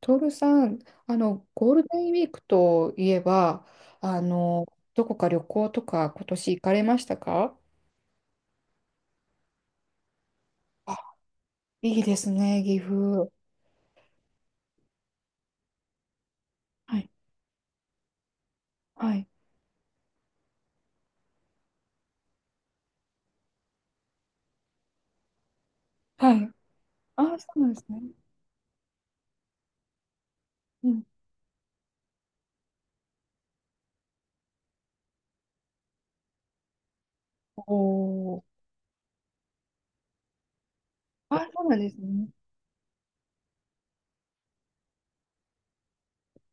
トールさん、ゴールデンウィークといえば、あの、どこか旅行とか今年行かれましたか？あ、いいですね、岐阜。はい、はい、はい。あ、そうなんですね。うん。おー。ああ、そうなんですね。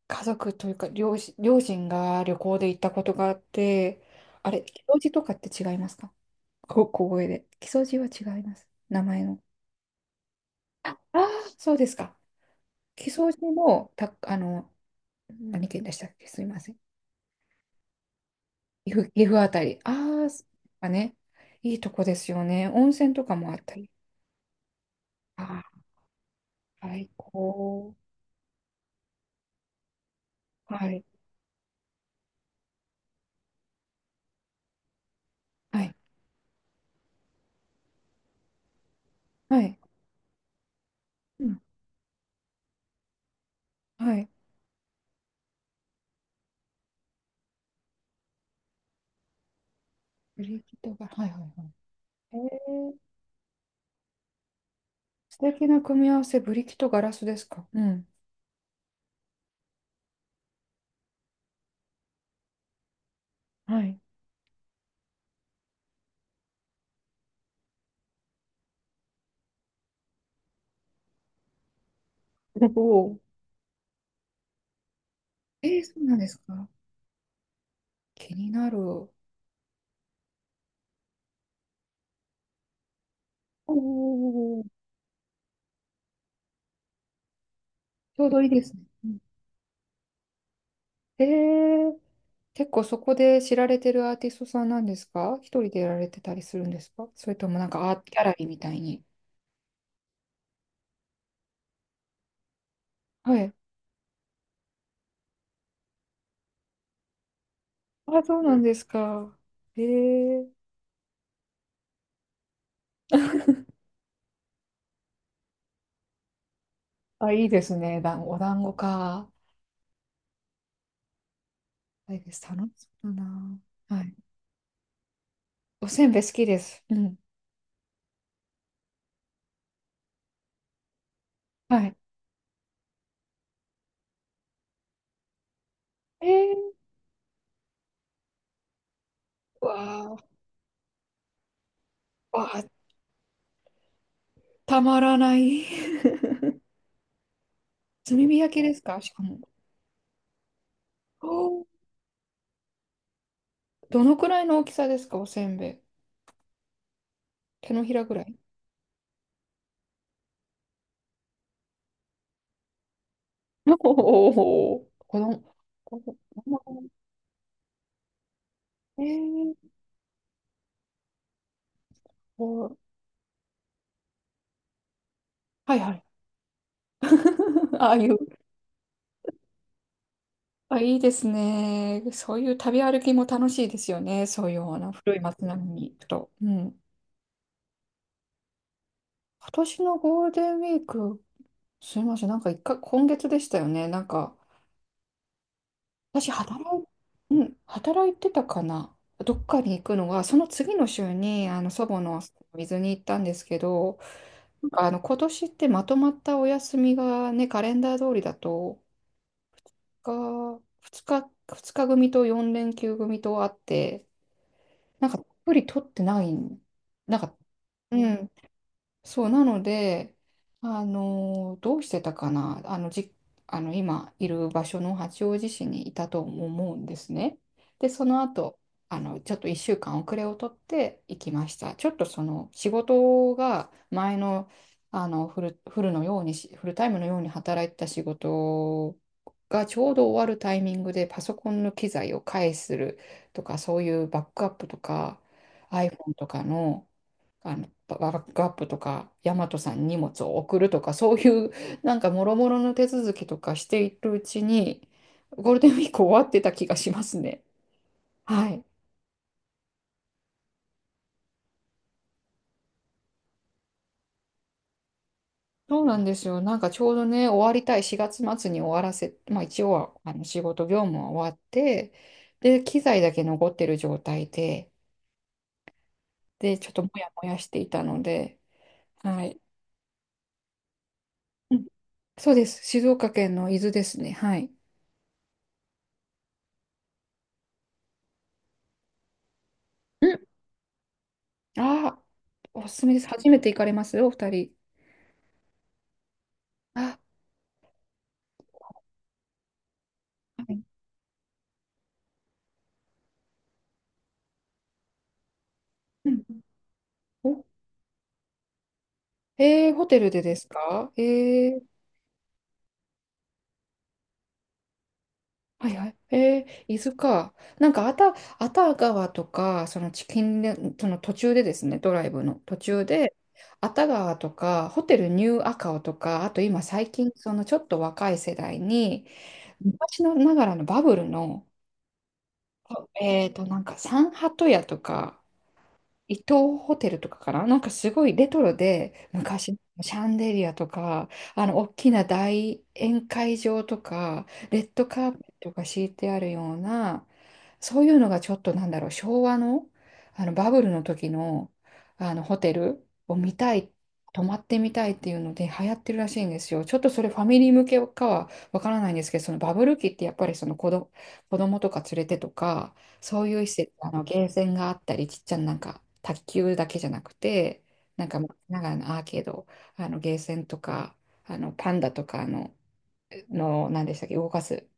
家族というか、両親が旅行で行ったことがあって、あれ、木曽路とかって違いますか？こ小声で。木曽路は違います。名前の。ああ、そうですか。木曽路の、た、あの、何県でしたっけ？すいません。岐阜、岐阜あたり。ああ、そっかね。いいとこですよね。温泉とかもあったり。ああ、最高。はい。はい。はい。うん。はい。ブリキとガラス、はいはいはい。えー、素敵な組み合わせ、ブリキとガラスですか。うん。はい。おお。えー、そうなんですか。気になる。おお。ちょうどいいですね。うん。えー、結構そこで知られてるアーティストさんなんですか？一人でやられてたりするんですか？それともなんかアートギャラリーみたいに。はい。あ、そうなんですか。ええ。 あ、いいですね。お団子か。はいです。楽しそうだな。はい。おせんべい好きです。うん。はい。ええ。わあ、わあ、たまらない。炭火焼きですか？しかも。おー。どのくらいの大きさですか？おせんべい。手のひらぐらい。おお、子供、えー、お、はいはい。ああいう、あ、いいですね。そういう旅歩きも楽しいですよね。そういうあの古い街並みに行くと。うん。今年のゴールデンウィーク、すみません。なんか一回、今月でしたよね。なんか、私働い、うん、働いてたかな。どっかに行くのが、その次の週に、祖母の水に行ったんですけど、なんか今年ってまとまったお休みがね、カレンダー通りだと、が、2日、2日組と4連休組とあって、なんか、たっぷり取ってない。なんか、うん、そう、なので、どうしてたかな、あの、じ、あの、今いる場所の八王子市にいたと思うんですね。で、その後、ちょっと1週間遅れを取って行きました。ちょっとその仕事が前の、フルタイムのように働いてた仕事がちょうど終わるタイミングでパソコンの機材を返するとか、そういうバックアップとか iPhone とかの、ババックアップとか、ヤマトさんに荷物を送るとか、そういう、なんか、もろもろの手続きとかしているうちに、ゴールデンウィーク終わってた気がしますね。はい。そうなんですよ。なんか、ちょうどね、終わりたい、4月末に終わらせ、まあ、一応は、仕事業務は終わって、で、機材だけ残ってる状態で、で、ちょっともやもやしていたので、はい。うん。そうです。静岡県の伊豆ですね。はい。うん。ああ、おすすめです。初めて行かれますお二人？あ、はい。うん。お、えー、ホテルでですか？はいはい。伊豆か。なんか、あた川とか、そのチキンレ、その途中でですね、ドライブの途中で、あた川とか、ホテルニューアカオとか、あと今最近、そのちょっと若い世代に、昔のながらのバブルの、なんか、サンハト屋とか、伊東ホテルとかかな、なんかすごいレトロで、昔のシャンデリアとか、大きな大宴会場とか、レッドカーペットが敷いてあるような、そういうのがちょっとなんだろう、昭和の、あのバブルの時の、あのホテルを見たい、泊まってみたいっていうので流行ってるらしいんですよ。ちょっとそれファミリー向けかはわからないんですけど、そのバブル期ってやっぱり子供とか連れてとか、そういう施設、ゲーセンがあったり、ちっちゃななんか、卓球だけじゃなくて、なんか、ながらのアーケード、ゲーセンとか、あのパンダとか何でしたっけ、動かす、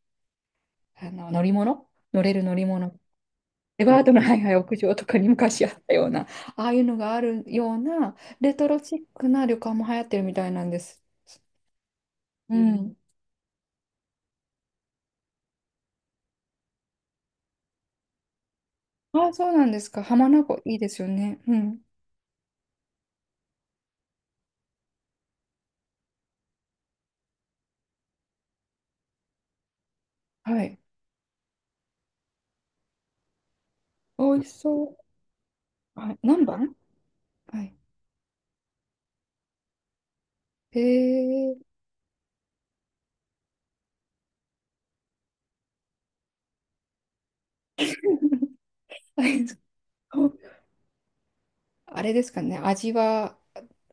乗り物、乗れる乗り物、レバードのハイハイ屋上とかに昔あったような、ああいうのがあるような、レトロチックな旅館も流行ってるみたいなんです。うん。ああ、そうなんですか。浜名湖、いいですよね。うん。はい。美味しそう。はい。何番。はい。へえ。あれですかね、味は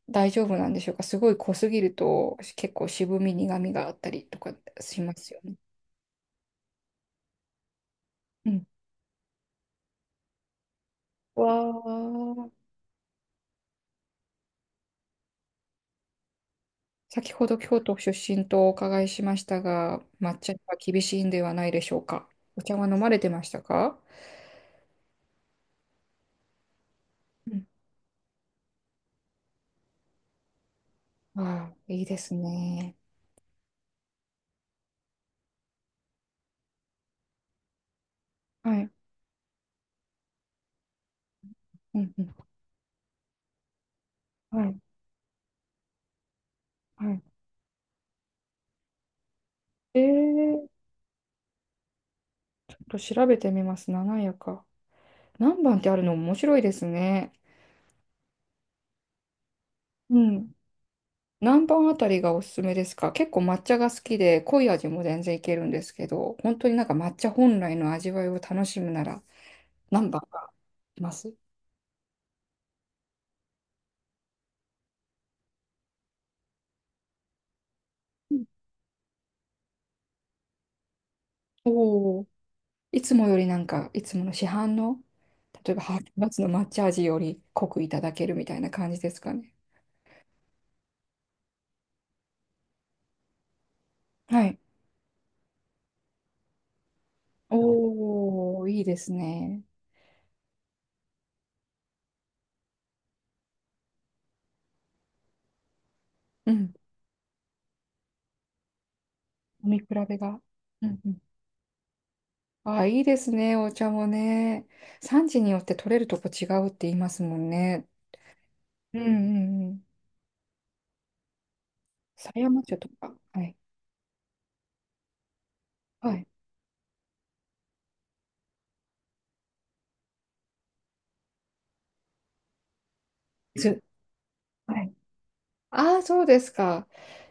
大丈夫なんでしょうか。すごい濃すぎると結構渋み、苦みがあったりとかしますよね。うん。わあ。先ほど京都出身とお伺いしましたが、抹茶は厳しいんではないでしょうか。お茶は飲まれてましたか？うん。ああ、いいですね。はい。うんうん。はい。はい。ちょっと調べてみます。七夜か。何番ってあるの面白いですね。うん。何番あたりがおすすめですか？結構抹茶が好きで、濃い味も全然いけるんですけど、本当になんか抹茶本来の味わいを楽しむなら、何番がいます？おおー。いつもよりなんか、いつもの市販の、例えばハーフ8ツの抹茶味より濃くいただけるみたいな感じですかね。はい。おお、いいですね。うん。飲み比べが。うんうん。ああ、いいですね、お茶もね。産地によって取れるとこ違うって言いますもんね。うんうんうん。狭山町とか。はい。はい。伊豆。はい。ああ、そうですか。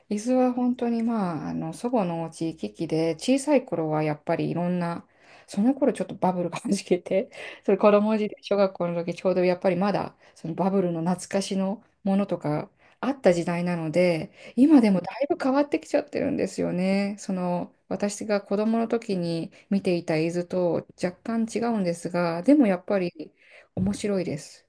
伊豆は本当にまあ、祖母のお家行き来で、小さい頃はやっぱりいろんな、その頃ちょっとバブルがはじけて、それ子供時代、小学校の時ちょうどやっぱりまだ、そのバブルの懐かしのものとかあった時代なので、今でもだいぶ変わってきちゃってるんですよね。その、私が子供の時に見ていた伊豆と若干違うんですが、でもやっぱり面白いです。